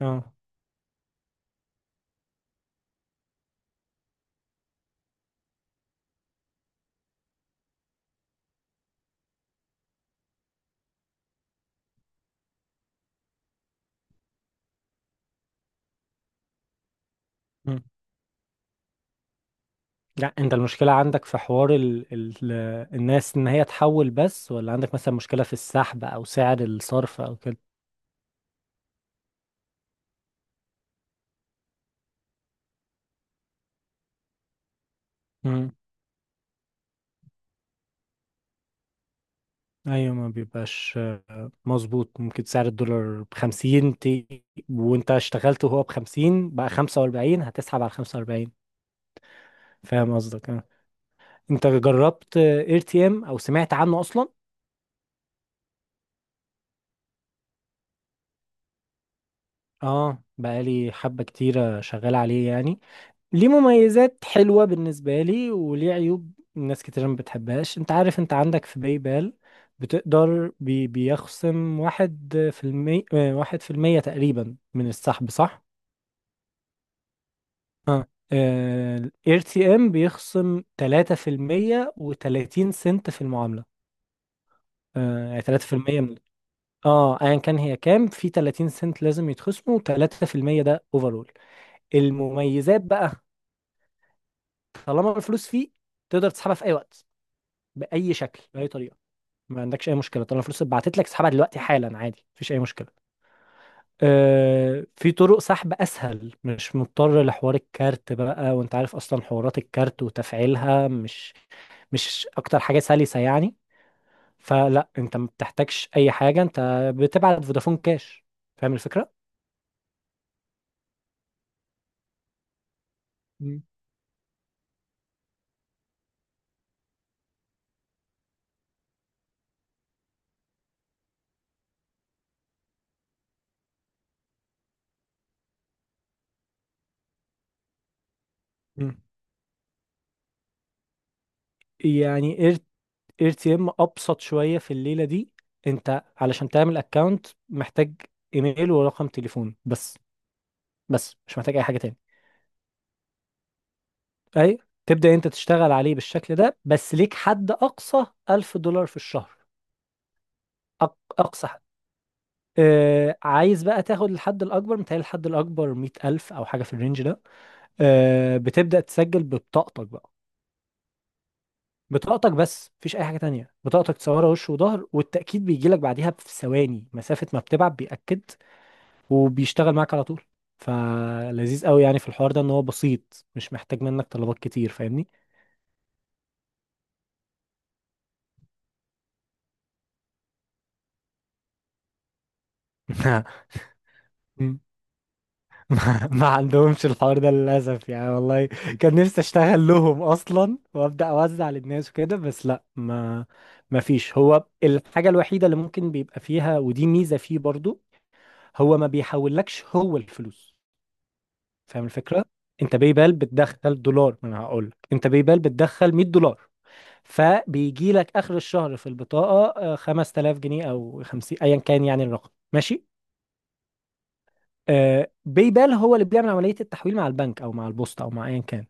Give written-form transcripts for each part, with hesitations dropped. اه. مم. لا، انت المشكلة عندك في حوار الناس، ان هي تحول بس، ولا عندك مثلا مشكلة في السحب او سعر الصرف او كده؟ مم. ايوه، ما بيبقاش مظبوط. ممكن سعر الدولار بخمسين، تي وانت اشتغلت وهو بخمسين بقى 45، هتسحب على 45. فاهم قصدك، اه. انت جربت اير تي ام او سمعت عنه اصلا؟ اه، بقالي حبة كتيرة شغال عليه يعني. ليه مميزات حلوة بالنسبة لي، وليه عيوب ناس كتير ما بتحبهاش. انت عارف انت عندك في بايبال بتقدر بيخصم 1%، 1% تقريبا من السحب، صح؟ الاي تي ام بيخصم 3% وتلاتين سنت في المعاملة. يعني 3% من اه ايا كان هي كام، في 30 سنت لازم يتخصموا وتلاتة في المية، ده اوفرول. المميزات بقى، طالما الفلوس فيه تقدر تسحبها في اي وقت بأي شكل بأي طريقة. ما عندكش اي مشكله، طالما الفلوس اتبعتت لك اسحبها دلوقتي حالا عادي، مفيش اي مشكله. في طرق سحب اسهل، مش مضطر لحوار الكارت بقى، وانت عارف اصلا حوارات الكارت وتفعيلها مش اكتر حاجه سلسه يعني. فلا انت ما بتحتاجش اي حاجه، انت بتبعت فودافون كاش، فاهم الفكره؟ مم. مم. يعني اير تي ام ابسط شويه في الليله دي. انت علشان تعمل اكونت محتاج ايميل ورقم تليفون بس، بس مش محتاج اي حاجه تاني. اي، تبدأ انت تشتغل عليه بالشكل ده، بس ليك حد اقصى 1000 دولار في الشهر. اقصى حد، عايز بقى تاخد الحد الاكبر. متهيألي الحد الاكبر 100,000 او حاجة في الرينج ده. بتبدأ تسجل ببطاقتك بقى. بطاقتك بس، مفيش اي حاجة تانية. بطاقتك تصورها وش وظهر، والتأكيد بيجي لك بعديها في ثواني مسافة ما بتبعت بيأكد، وبيشتغل معاك على طول. فلذيذ قوي يعني في الحوار ده، ان هو بسيط مش محتاج منك طلبات كتير، فاهمني؟ ما عندهمش الحوار ده للأسف يعني، والله كان نفسي أشتغل لهم أصلا وأبدأ أوزع للناس وكده، بس لا، ما فيش. هو الحاجة الوحيدة اللي ممكن بيبقى فيها، ودي ميزة فيه برضو، هو ما بيحولكش هو الفلوس. فاهم الفكرة؟ أنت باي بتدخل دولار، ما أنا هقول لك أنت باي بتدخل 100 دولار، فبيجي لك آخر الشهر في البطاقة، 5000 جنيه أو 50، أيا كان يعني. الرقم ماشي؟ باي بال هو اللي بيعمل عملية التحويل مع البنك أو مع البوسطة أو مع أيا كان.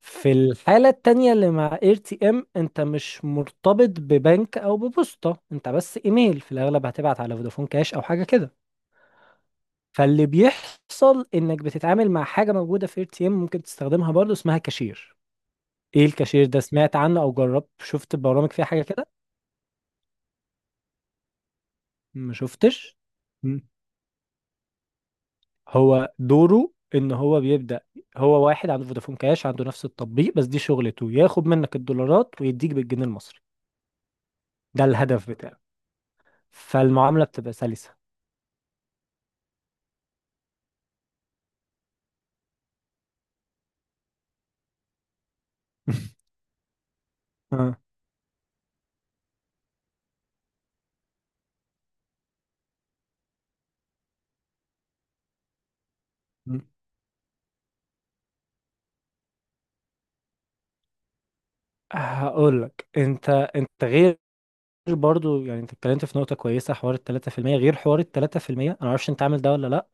في الحالة التانية اللي مع اير تي ام، انت مش مرتبط ببنك او ببوسطة، انت بس ايميل في الاغلب، هتبعت على فودافون كاش او حاجة كده. فاللي بيحصل انك بتتعامل مع حاجة موجودة في اير تي ام ممكن تستخدمها برضو، اسمها كاشير. ايه الكاشير ده؟ سمعت عنه او جربت؟ شفت برامج فيها حاجة كده؟ ما شفتش. مم. هو دوره ان هو بيبدأ، هو واحد عنده فودافون كاش عنده نفس التطبيق، بس دي شغلته، ياخد منك الدولارات ويديك بالجنيه المصري. ده الهدف بتاعه. فالمعاملة بتبقى سلسة. آه. هقول لك انت، انت غير برضو يعني. انت اتكلمت في نقطة كويسة، حوار ال 3% غير حوار ال 3%. انا معرفش انت عامل ده ولا لا.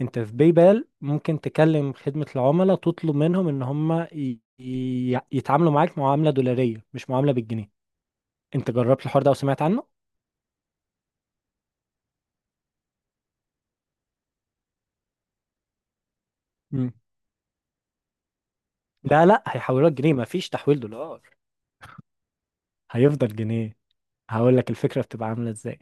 انت في بايبال ممكن تكلم خدمة العملاء، تطلب منهم ان هم يتعاملوا معاك معاملة دولارية مش معاملة بالجنيه. انت جربت الحوار ده وسمعت عنه؟ مم. لا لا، هيحولوك جنيه، مفيش تحويل دولار. هيفضل جنيه. هقول لك الفكرة بتبقى عاملة ازاي.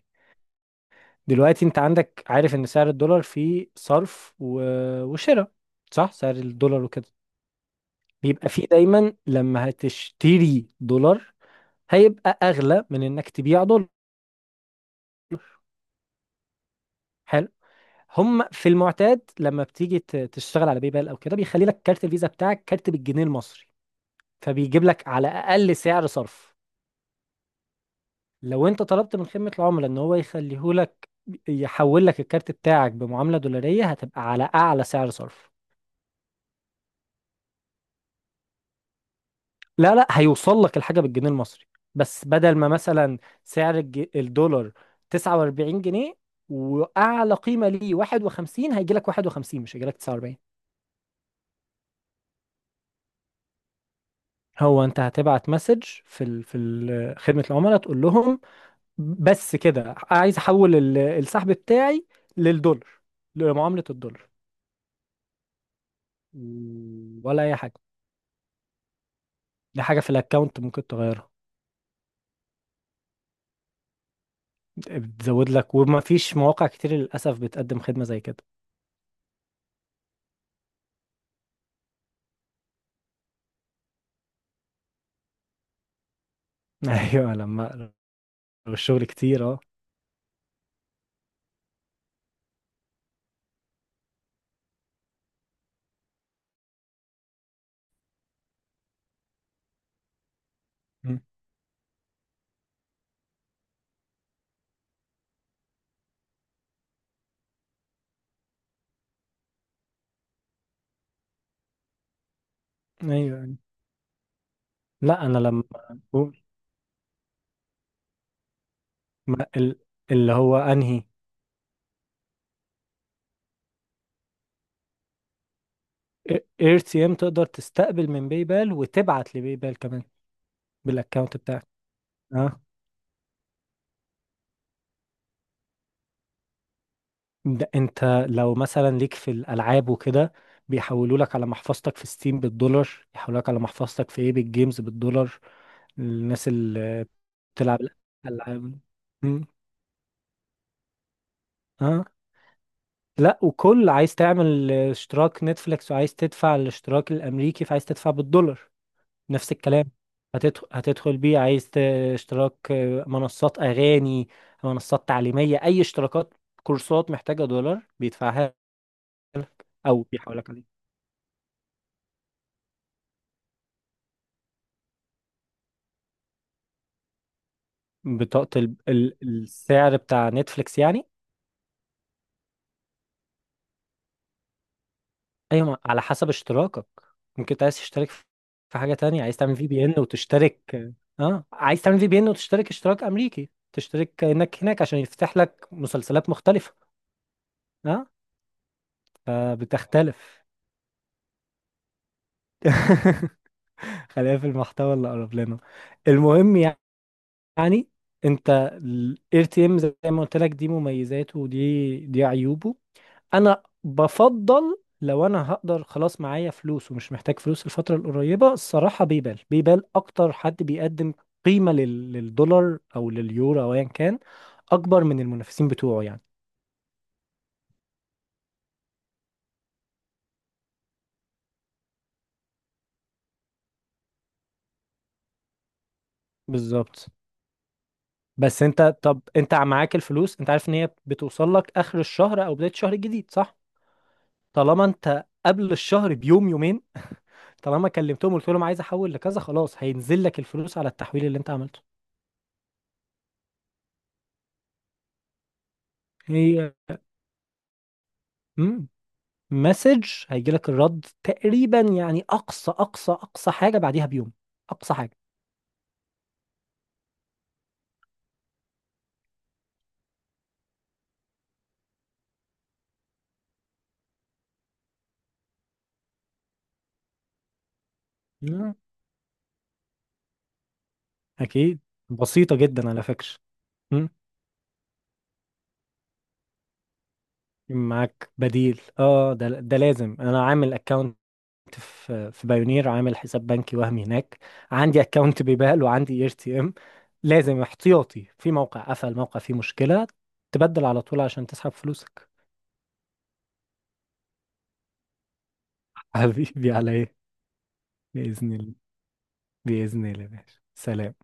دلوقتي انت عندك عارف ان سعر الدولار فيه صرف وشراء، صح؟ سعر الدولار وكده. بيبقى فيه دايما، لما هتشتري دولار هيبقى اغلى من انك تبيع دولار. حلو. هم في المعتاد لما بتيجي تشتغل على باي بال او كده، بيخلي لك كارت الفيزا بتاعك كارت بالجنيه المصري، فبيجيب لك على اقل سعر صرف. لو انت طلبت من خدمة العملاء ان هو يخليه لك، يحول لك الكارت بتاعك بمعاملة دولارية، هتبقى على اعلى سعر صرف. لا لا، هيوصل لك الحاجة بالجنيه المصري بس. بدل ما مثلا سعر الدولار 49 جنيه، وأعلى قيمة ليه 51، هيجي لك 51 مش هيجي لك 49. هو أنت هتبعت مسج في ال في ال خدمة العملاء، تقول لهم بس كده، عايز أحول السحب بتاعي للدولار، لمعاملة الدولار. ولا أي حاجة. دي حاجة في الأكاونت ممكن تغيرها، بتزود لك، وما فيش مواقع كتير للأسف بتقدم خدمة زي كده. أيوه لما. والشغل كتير، اه. مم. ايوه. أيوة. لا انا لما بقول، ما اللي هو انهي، اير تي ام تقدر تستقبل من باي بال وتبعت لباي بال كمان بالاكونت بتاعك. اه. ده انت لو مثلا ليك في الالعاب وكده، بيحولوا لك على محفظتك في ستيم بالدولار، يحولوا لك على محفظتك في ايبك جيمز بالدولار. الناس اللي بتلعب الالعاب. مم. اه لا، وكل عايز تعمل اشتراك نتفليكس وعايز تدفع الاشتراك الامريكي فعايز تدفع بالدولار، نفس الكلام. هتدخل بيه، عايز اشتراك، منصات اغاني، منصات تعليميه، اي اشتراكات، كورسات محتاجه دولار بيدفعها او بيحولك عليه. بطاقه السعر بتاع نتفليكس يعني. ايوه على حسب اشتراكك. ممكن انت عايز تشترك في حاجه تانية، عايز تعمل في بي ان وتشترك. اه عايز تعمل في بي ان وتشترك اشتراك امريكي، تشترك انك هناك عشان يفتح لك مسلسلات مختلفه. اه، فبتختلف. خلينا في المحتوى اللي قرب لنا. المهم يعني، انت الاي تي ام زي ما قلت لك دي مميزاته، دي عيوبه. انا بفضل لو انا هقدر خلاص، معايا فلوس ومش محتاج فلوس الفترة القريبة. الصراحة بيبال اكتر حد بيقدم قيمة للدولار او لليورو او ايا كان، اكبر من المنافسين بتوعه يعني. بالظبط. بس انت، طب انت معاك الفلوس، انت عارف ان هي بتوصل لك اخر الشهر او بداية الشهر الجديد، صح؟ طالما انت قبل الشهر بيوم يومين، طالما كلمتهم قلت لهم عايز احول لكذا، خلاص هينزل لك الفلوس على التحويل اللي انت عملته. هي امم مسج هيجي لك الرد تقريبا يعني، اقصى حاجه بعديها بيوم، اقصى حاجه. مم. اكيد، بسيطه جدا على فكره. مم. معاك بديل، اه. ده لازم. انا عامل اكونت في بايونير، عامل حساب بنكي وهمي هناك. عندي اكونت بيبال وعندي اي تي ام. لازم احتياطي، في موقع قفل، موقع فيه مشكله، تبدل على طول عشان تسحب فلوسك. حبيبي، على ايه؟ بإذن الله. بإذن الله، ماشي، سلام.